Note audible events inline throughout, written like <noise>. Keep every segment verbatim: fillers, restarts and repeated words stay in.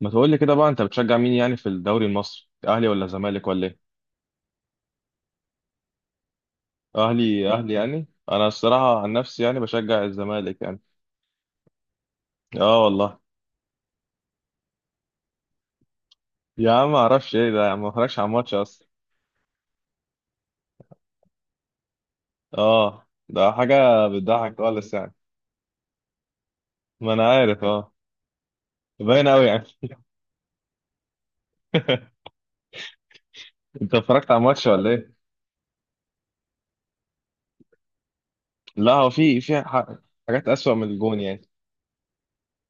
ما تقول لي كده بقى، انت بتشجع مين يعني في الدوري المصري؟ اهلي ولا زمالك ولا ايه؟ اهلي اهلي يعني. انا الصراحه عن نفسي يعني بشجع الزمالك يعني. اه والله. يا عم ما اعرفش ايه ده، يا عم ما اتفرجش على الماتش اصلا. اه ده حاجه بتضحك خالص يعني. ما انا عارف اه. باين قوي يعني. <laughs> انت اتفرجت على الماتش ولا ايه؟ لا، هو في في ح- حاجات اسوأ من الجون يعني.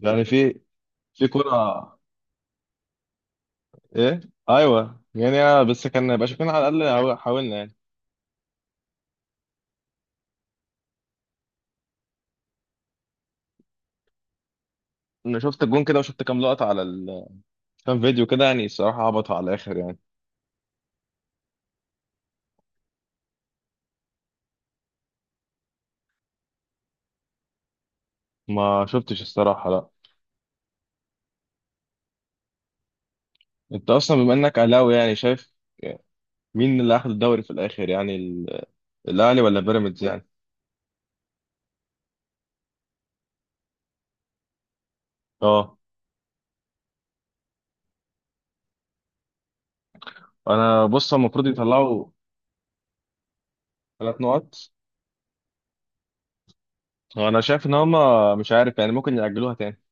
يعني في في كرة. ايه. ايوه يعني. بس كان يبقى شايفين على الاقل حاولنا يعني. انا شفت الجون كده وشفت كام لقطه على ال، كان فيديو كده يعني. الصراحة عبط على الآخر يعني. ما شفتش الصراحة، لا. أنت أصلا بما إنك أهلاوي، يعني شايف مين اللي أخد الدوري في الآخر يعني؟ ال- الأهلي ولا بيراميدز يعني؟ أه. أنا بص، هما المفروض يطلعوا ثلاث نقط. أنا شايف إن هما مش عارف يعني، ممكن يأجلوها تاني.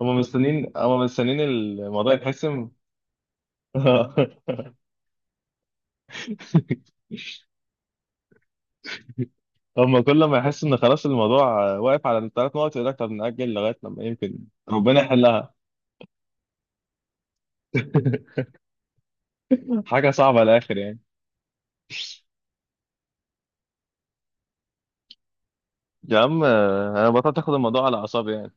هما مستنيين هما مستنيين الموضوع يتحسم. <laughs> هما كل ما يحس إن خلاص الموضوع واقف على الثلاث نقط، يقول لك طب نأجل لغاية لما يمكن ربنا يحلها. <laughs> حاجة صعبة على الآخر يعني. يا عم انا بطلت اخد الموضوع على اعصابي يعني.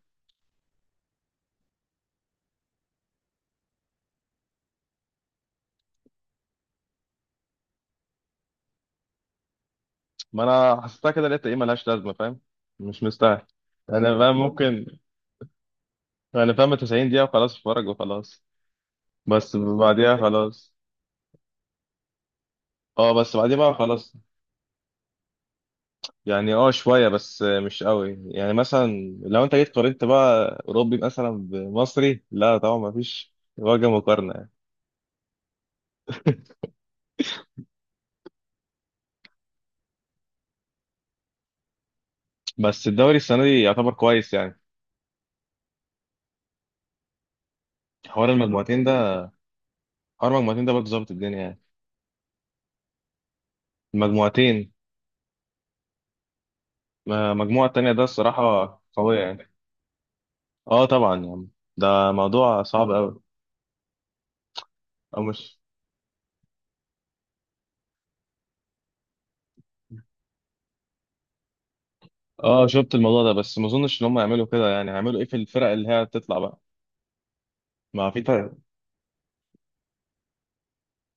ما انا حسيتها كده، لقيت ايه ملهاش لازمه، فاهم؟ مش مستاهل. انا فاهم ممكن. انا فاهم تسعين دقيقه وخلاص، اتفرج وخلاص. بس بعديها خلاص. اه بس بعديها بقى خلاص. يعني اه شويه، بس مش قوي يعني. مثلا لو انت جيت قارنت بقى اوروبي مثلا بمصري، لا طبعا ما فيش وجه مقارنه يعني. بس الدوري السنه دي يعتبر كويس يعني. حوار المجموعتين ده، حوار المجموعتين ده برضه ظابط الدنيا يعني. المجموعتين. ما- المجموعه التانيه ده الصراحه قويه يعني. اه طبعا يا عم، ده موضوع صعب قوي. او مش. اه شفت الموضوع ده، بس ما اظنش ان هم يعملوا كده يعني. هيعملوا ايه في الفرق اللي هي هتطلع بقى؟ ما في فرق.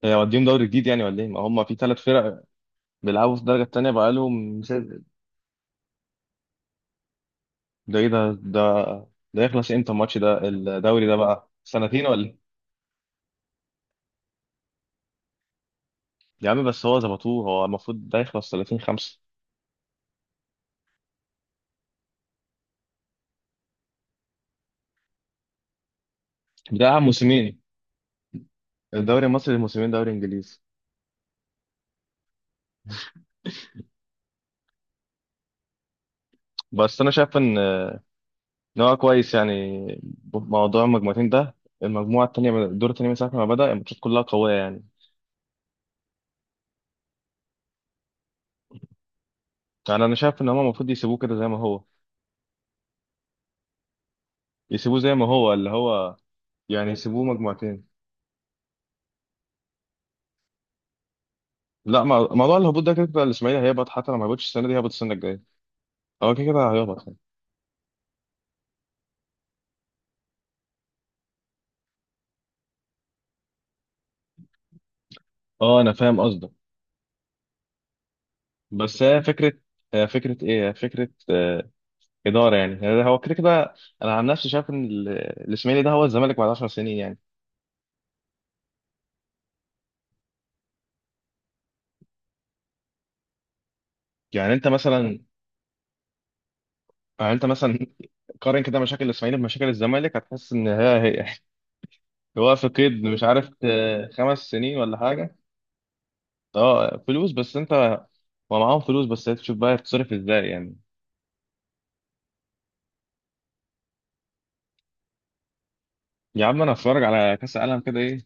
هي وديهم دوري جديد يعني ولا ايه؟ ما هم في ثلاث فرق بيلعبوا في الدرجه الثانيه بقى لهم. ده ايه ده؟ ده ده يخلص امتى الماتش ده؟ الدوري ده بقى سنتين ولا إيه؟ يا عم بس هو ظبطوه، هو المفروض ده يخلص تلاتين خمسه. بتاع موسمين. الدوري المصري موسمين دوري انجليزي. بس انا شايف ان ان هو كويس يعني، موضوع المجموعتين ده. المجموعة التانية من- الدور التاني من ساعة ما بدأ، الماتشات كلها قوية يعني. يعني أنا شايف إن هما المفروض يسيبوه كده زي ما هو، يسيبوه زي ما هو، اللي هو يعني يسيبوه مجموعتين. لا، مع- موضوع الهبوط ده كده كده الإسماعيلي هيهبط، حتى لو ما هبطش السنة دي هيهبط السنة الجاية. هو كده كده هيهبط يعني. أه أنا فاهم قصدك. بس هي فكرة. هي فكرة إيه؟ هي فكرة آه، إدارة يعني. يعني هو كده كده. أنا عن نفسي شايف إن ال- الإسماعيلي ده هو الزمالك بعد عشر سنين يعني. يعني أنت مثلا. يعني انت مثلا قارن كده مشاكل الاسماعيلي بمشاكل الزمالك، هتحس ان هي هي. <laughs> هو في قيد مش عارف آه، خمس سنين ولا حاجه. اه فلوس، بس انت، هو معاهم فلوس، بس هي تشوف بقى هتصرف ازاي يعني. يا عم انا هتفرج على كاس العالم كده ايه.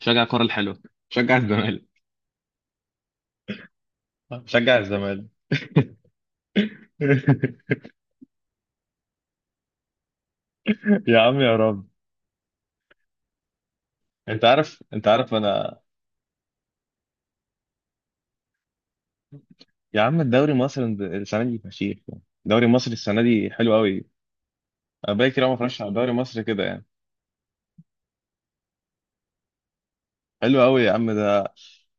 شجع الكره الحلوه. شجع الزمالك. شجع الزمالك. <laughs> يا عم يا رب. انت عارف، انت عارف انا. يا عم الدوري المصري السنه دي فشيخ يعني. الدوري المصري السنه دي حلو قوي. انا بقالي كتير أوي ما اتفرجش على الدوري المصري كده يعني. حلو قوي يا عم ده.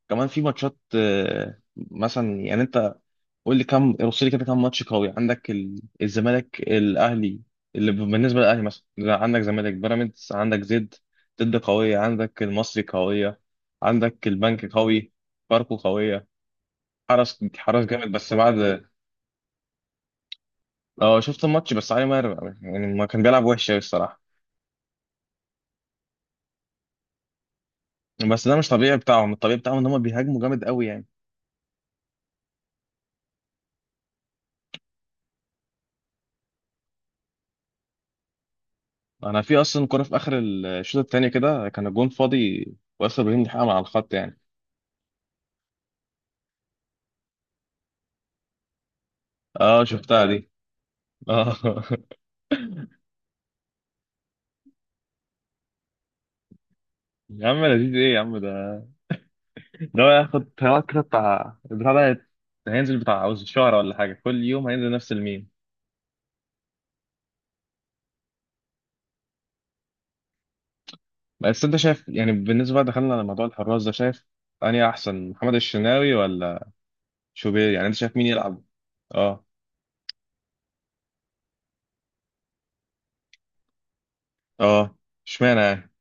كمان في ماتشات آه، مثلا. يعني انت قول لي، كم رص لي كده كم ماتش قوي عندك. ال- الزمالك الاهلي اللي ب- بالنسبه للاهلي مثلا، لا، عندك زمالك بيراميدز، عندك زد ضد قويه، عندك المصري قويه، عندك البنك قوي. فاركو قويه. حرس حرس جامد بس بعد. اه شفت الماتش، بس علي ماهر يعني ما كان بيلعب وحش قوي الصراحه. بس ده مش طبيعي بتاعهم. الطبيعي بتاعهم ان هم بيهاجموا جامد قوي يعني. انا في اصلا كرة في اخر الشوط الثاني كده كان الجون فاضي، واسر ابراهيم لحقها من على الخط يعني. اه شفتها دي. اه. <laughs> يا عم لذيذ ايه يا عم ده؟ ده هو ياخد هيقعد كده بتاع البتاع ده، هينزل بتاع عاوز شهر ولا حاجة كل يوم هينزل نفس الميم. بس انت شايف يعني، بالنسبة بقى دخلنا على موضوع الحراس ده، شايف اني احسن محمد الشناوي ولا شوبير؟ يعني انت شايف مين يلعب؟ اه. اه. اشمعنى يعني؟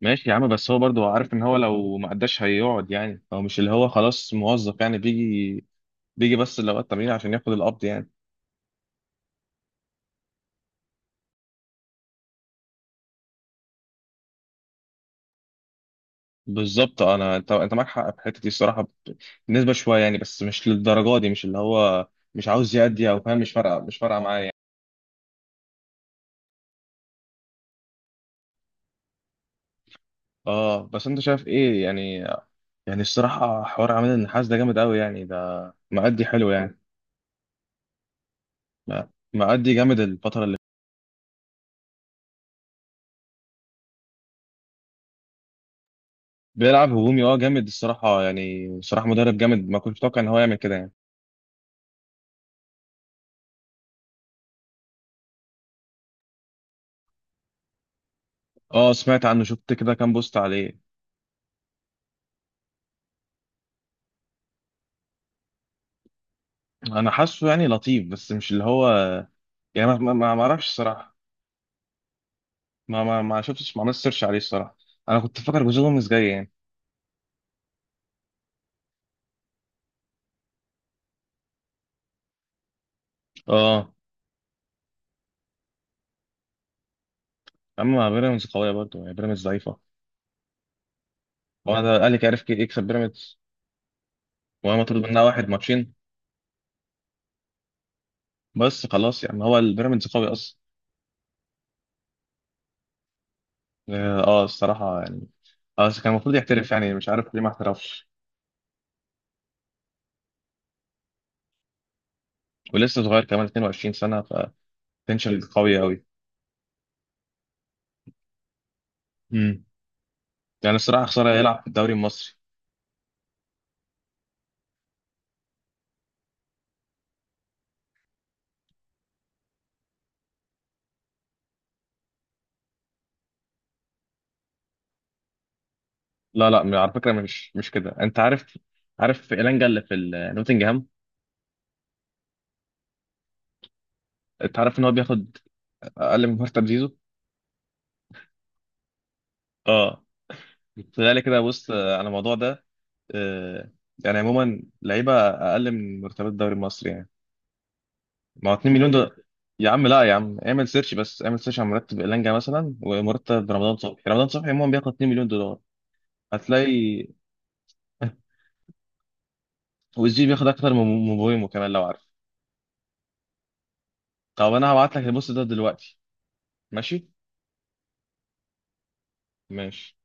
ماشي يا عم، بس هو برضه عارف ان هو لو ما قداش هيقعد يعني. هو مش اللي هو خلاص موظف يعني بيجي، بيجي بس الاوقات التمرين عشان ياخد القبض يعني. بالظبط. انا انت، انت معاك حق في الحته دي الصراحه، ب- بالنسبه شويه يعني، بس مش للدرجه دي. مش اللي هو مش عاوز يأدي او فاهم. مش فارقه مش فارقه معايا يعني. اه بس انت شايف ايه يعني؟ يعني الصراحه حوار عماد النحاس ده جامد قوي يعني. ده مأدي حلو يعني. م- مأدي جامد الفتره اللي. بيلعب هجومي، اه جامد الصراحه يعني. صراحه مدرب جامد، ما كنتش متوقع ان هو يعمل كده يعني. اه سمعت عنه، شفت كده كام بوست عليه. انا حاسه يعني لطيف، بس مش اللي هو يعني. ما ما ما ما اعرفش الصراحه. ما ما ما شفتش ما عملتش سيرش عليه الصراحه. انا كنت فاكر جوزيه جوميز جاي يعني. اه. اما بيراميدز قويه برضه يعني، بيراميدز ضعيفه. هو انا الاهلي كان عارف يكسب بيراميدز، وهو مطرود منها واحد ماتشين. بس خلاص يعني، هو البيراميدز قوي اصلا. اه آه، الصراحه يعني. اه كان المفروض يحترف يعني، مش عارف ليه ما احترفش. ولسه صغير كمان اثنين وعشرين سنه. فتنشن قوي قوي. امم. يعني الصراحه خساره يلعب في الدوري المصري. لا لا، م- على فكره مش مش كده، انت عارف. عارف إيلانجا اللي في ال- نوتنجهام؟ انت عارف ان هو بياخد اقل من مرتب زيزو؟ اه. فذلك كده بص آه، على الموضوع ده. آه، يعني عموما لعيبه اقل من مرتبات الدوري المصري يعني. ما هو اتنين مليون دولار. يا عم لا، يا عم اعمل سيرش، بس اعمل سيرش على مرتب إيلانجا مثلا، ومرتب رمضان صبحي. رمضان صبحي عموما بياخد اتنين مليون دولار. هتلاقي. <laughs> والزي بياخد اكتر من مبويمو كمان، لو عارف. طب انا هبعت لك البوست ده دلوقتي. ماشي. ماشي.